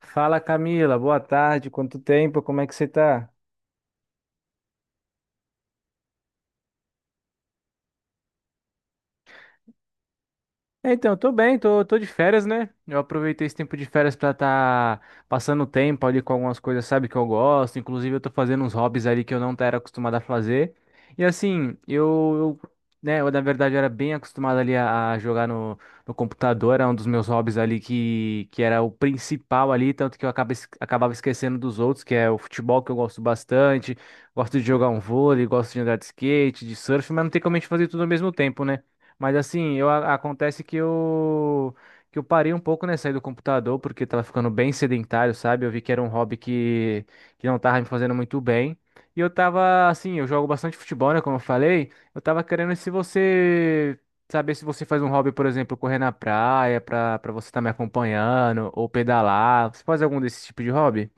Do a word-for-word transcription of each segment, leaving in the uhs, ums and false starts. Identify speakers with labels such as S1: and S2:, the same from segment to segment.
S1: Fala Camila, boa tarde, quanto tempo, como é que você tá? É, Então, tô bem, tô, tô de férias, né? Eu aproveitei esse tempo de férias pra tá passando tempo ali com algumas coisas, sabe, que eu gosto. Inclusive, eu tô fazendo uns hobbies ali que eu não era acostumado a fazer. E assim, eu, eu, né, eu na verdade era bem acostumado ali a, a jogar no, no computador, era um dos meus hobbies ali que, que era o principal ali, tanto que eu acaba, es- acabava esquecendo dos outros, que é o futebol, que eu gosto bastante. Gosto de jogar um vôlei, gosto de andar de skate, de surf, mas não tem como a gente fazer tudo ao mesmo tempo, né? Mas assim, eu, a- acontece que eu, que eu parei um pouco, né, sair do computador, porque tava ficando bem sedentário, sabe? Eu vi que era um hobby que, que não tava me fazendo muito bem. E eu tava, assim, eu jogo bastante futebol, né, como eu falei. Eu tava querendo se você, saber se você faz um hobby, por exemplo, correr na praia, pra, pra você estar me acompanhando, ou pedalar. Você faz algum desse tipo de hobby?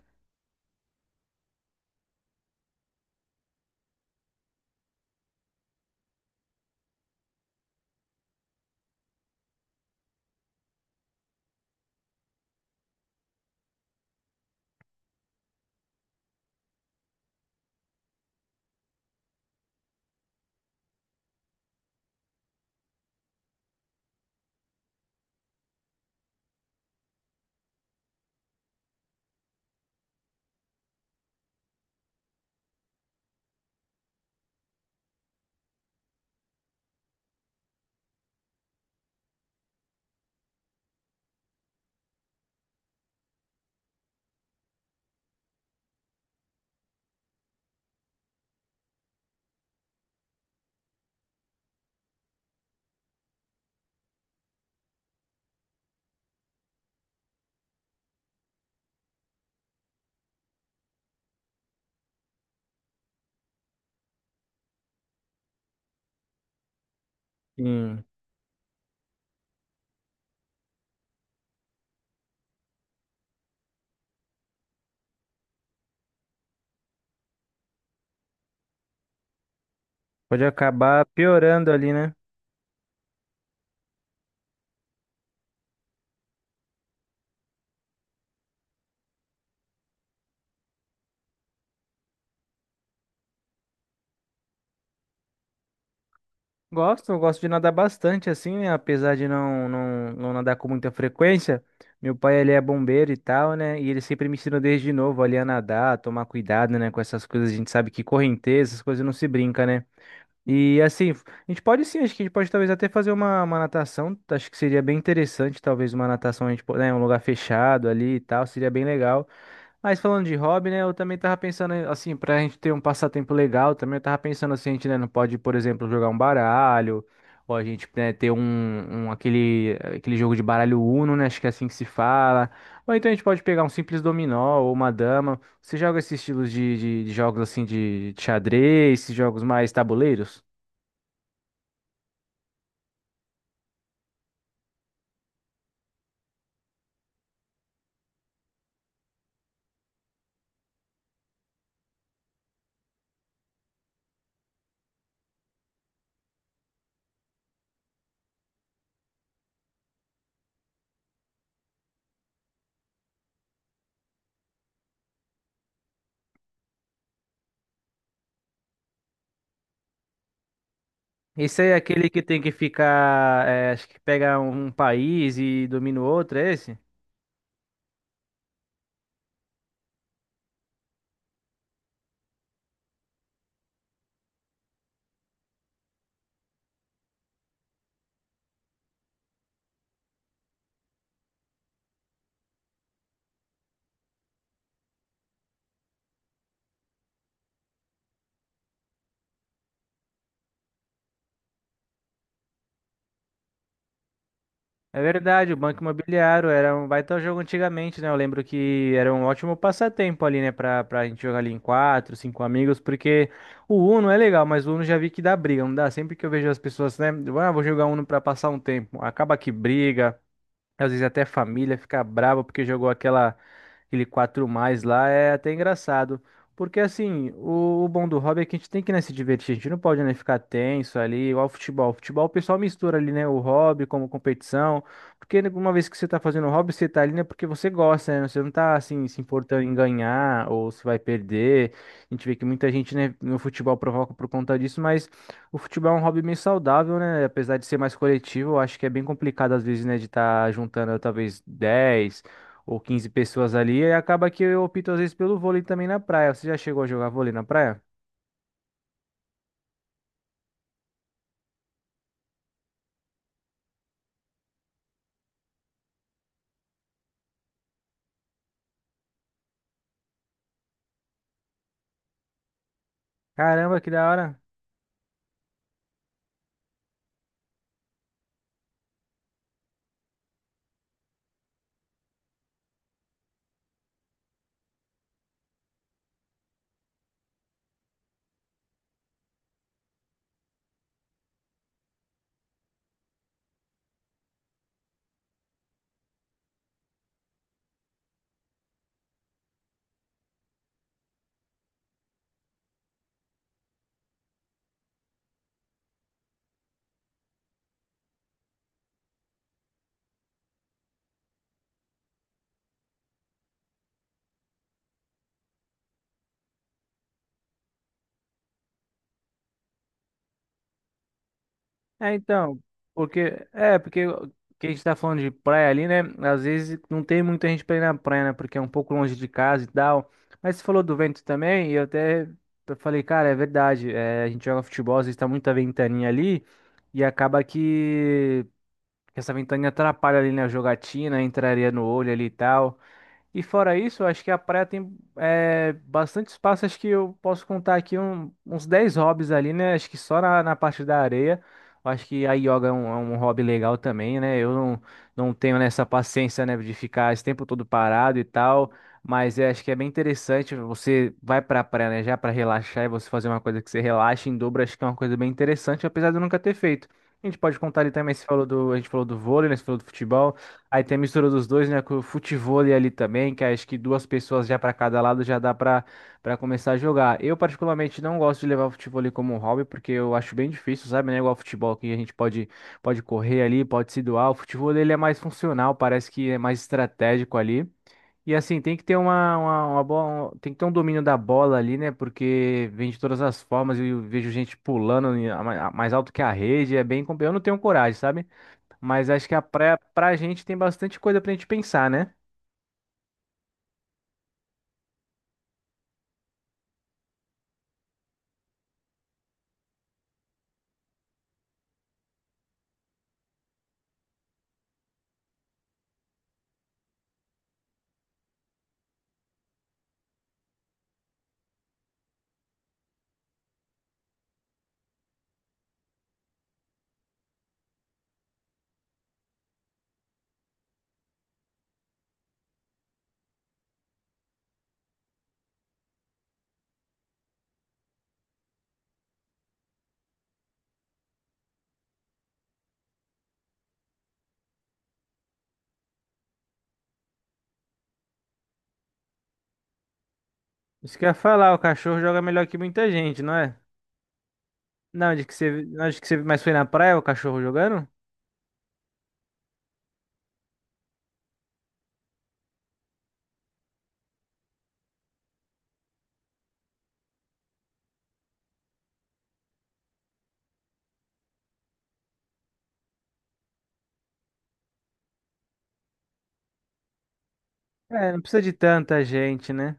S1: Sim. Pode acabar piorando ali, né? Gosto, eu gosto de nadar bastante assim, né? Apesar de não, não, não nadar com muita frequência. Meu pai, ele é bombeiro e tal, né? E ele sempre me ensinou desde novo ali a nadar, a tomar cuidado, né? Com essas coisas, a gente sabe que correnteza, essas coisas não se brinca, né? E assim, a gente pode sim, acho que a gente pode talvez até fazer uma, uma natação. Acho que seria bem interessante, talvez uma natação, a gente, po- né? Um lugar fechado ali e tal, seria bem legal. Mas falando de hobby, né, eu também tava pensando, eh, assim, pra gente ter um passatempo legal, também eu tava pensando assim, a gente, né, não pode, por exemplo, jogar um baralho, ou a gente, né, ter um, um- aquele, aquele jogo de baralho Uno, né, acho que é assim que se fala, ou então a gente pode pegar um simples dominó ou uma dama. Você joga esses estilos de, de, de jogos, assim, de, de xadrez, esses jogos mais tabuleiros? Esse aí é aquele que tem que ficar, eh, acho que pega um um país e domina o outro, é esse? É verdade, o Banco Imobiliário era um baita jogo antigamente, né? Eu lembro que era um ótimo passatempo ali, né? Pra, pra gente jogar ali em quatro, cinco amigos, porque o Uno é legal, mas o Uno já vi que dá briga, não dá? Sempre que eu vejo as pessoas, né? Ah, vou jogar Uno pra passar um tempo, acaba que briga, às vezes até família fica brava porque jogou aquela aquele quatro mais lá, é até engraçado. Porque assim, o, o bom do hobby é que a gente tem que, né, se divertir, a gente não pode, né, ficar tenso ali, igual ao futebol. O futebol o pessoal mistura ali, né, o hobby como competição, porque né, uma vez que você tá fazendo hobby, você tá ali, né, porque você gosta, né, você não tá, assim, se importando em ganhar ou se vai perder. A gente vê que muita gente, né, no futebol provoca por conta disso, mas o futebol é um hobby meio saudável, né? Apesar de ser mais coletivo, eu acho que é bem complicado às vezes, né, de estar juntando talvez dez ou quinze pessoas ali e acaba que eu opto às vezes pelo vôlei também na praia. Você já chegou a jogar vôlei na praia? Caramba, que da hora. É, então, porque é, porque o que a gente tá falando de praia ali, né? Às vezes não tem muita gente pra ir na praia, né? Porque é um pouco longe de casa e tal. Mas você falou do vento também, e eu até eu falei, cara, é verdade. É, a gente joga futebol, às vezes tá muita ventaninha ali, e acaba que que essa ventaninha atrapalha ali na jogatina, entraria no olho ali e tal. E fora isso, eu acho que a praia tem é, bastante espaço. Acho que eu posso contar aqui um- uns dez hobbies ali, né? Acho que só na, na parte da areia. Eu acho que a yoga é um, é um hobby legal também, né? Eu não, não tenho nessa paciência, né, de ficar esse tempo todo parado e tal. Mas eu acho que é bem interessante. Você vai pra praia, né, já pra relaxar e você fazer uma coisa que você relaxa em dobro. Acho que é uma coisa bem interessante, apesar de eu nunca ter feito. A gente pode contar ali também, você falou do, a gente falou do vôlei, né? Você falou do futebol. Aí tem a mistura dos dois, né? Com o futevôlei ali também, que acho que duas pessoas já para cada lado já dá para para começar a jogar. Eu, particularmente, não gosto de levar o futevôlei como um hobby, porque eu acho bem difícil, sabe? Não é igual ao futebol que a gente pode, pode correr ali, pode se doar. O futevôlei ele é mais funcional, parece que é mais estratégico ali. E assim, tem que ter uma, uma, uma boa, um- tem que ter um domínio da bola ali, né? Porque vem de todas as formas, eu vejo gente pulando em- a- mais alto que a rede, é bem, compli- eu não tenho coragem, sabe? Mas acho que a praia, pra gente, tem bastante coisa pra gente pensar, né? Isso que eu ia falar, o cachorro joga melhor que muita gente, não é? Não, de que você, não, de que você mais foi na praia o cachorro jogando? É, não precisa de tanta gente, né?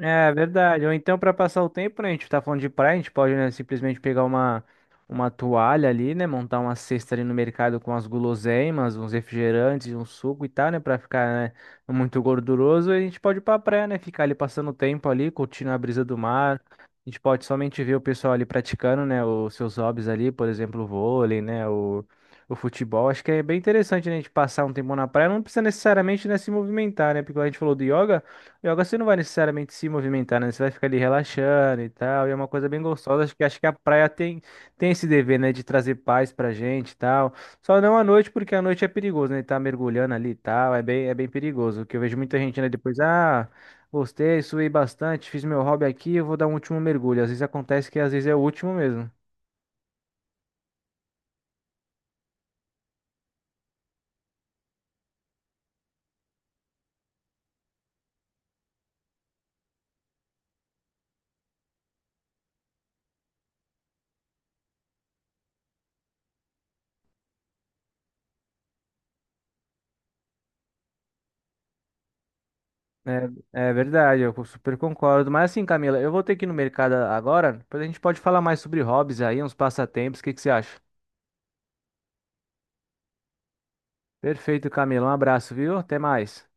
S1: É verdade. Ou então, para passar o tempo, né? A gente tá falando de praia, a gente pode, né, simplesmente pegar uma, uma toalha ali, né? Montar uma cesta ali no mercado com as guloseimas, uns refrigerantes, um suco e tal, né? Pra ficar, né, muito gorduroso. E a gente pode ir pra praia, né? Ficar ali passando o tempo ali, curtindo a brisa do mar. A gente pode somente ver o pessoal ali praticando, né? Os seus hobbies ali, por exemplo, o vôlei, né? O, o futebol. Acho que é bem interessante, né? A gente passar um tempo na praia. Não precisa necessariamente, né, se movimentar, né? Porque como a gente falou do yoga. Yoga você não vai necessariamente se movimentar, né? Você vai ficar ali relaxando e tal. E é uma coisa bem gostosa. Acho que, acho que a praia tem, tem esse dever, né? De trazer paz pra gente e tal. Só não à noite, porque à noite é perigoso, né? Tá mergulhando ali e tal. É bem, é bem perigoso. Que eu vejo muita gente, né? Depois, ah, gostei, suei bastante, fiz meu hobby aqui, eu vou dar um último mergulho. Às vezes acontece que às vezes é o último mesmo. É, é verdade, eu super concordo. Mas assim, Camila, eu vou ter que ir no mercado agora. Depois a gente pode falar mais sobre hobbies aí, uns passatempos. O que que você acha? Perfeito, Camila. Um abraço, viu? Até mais.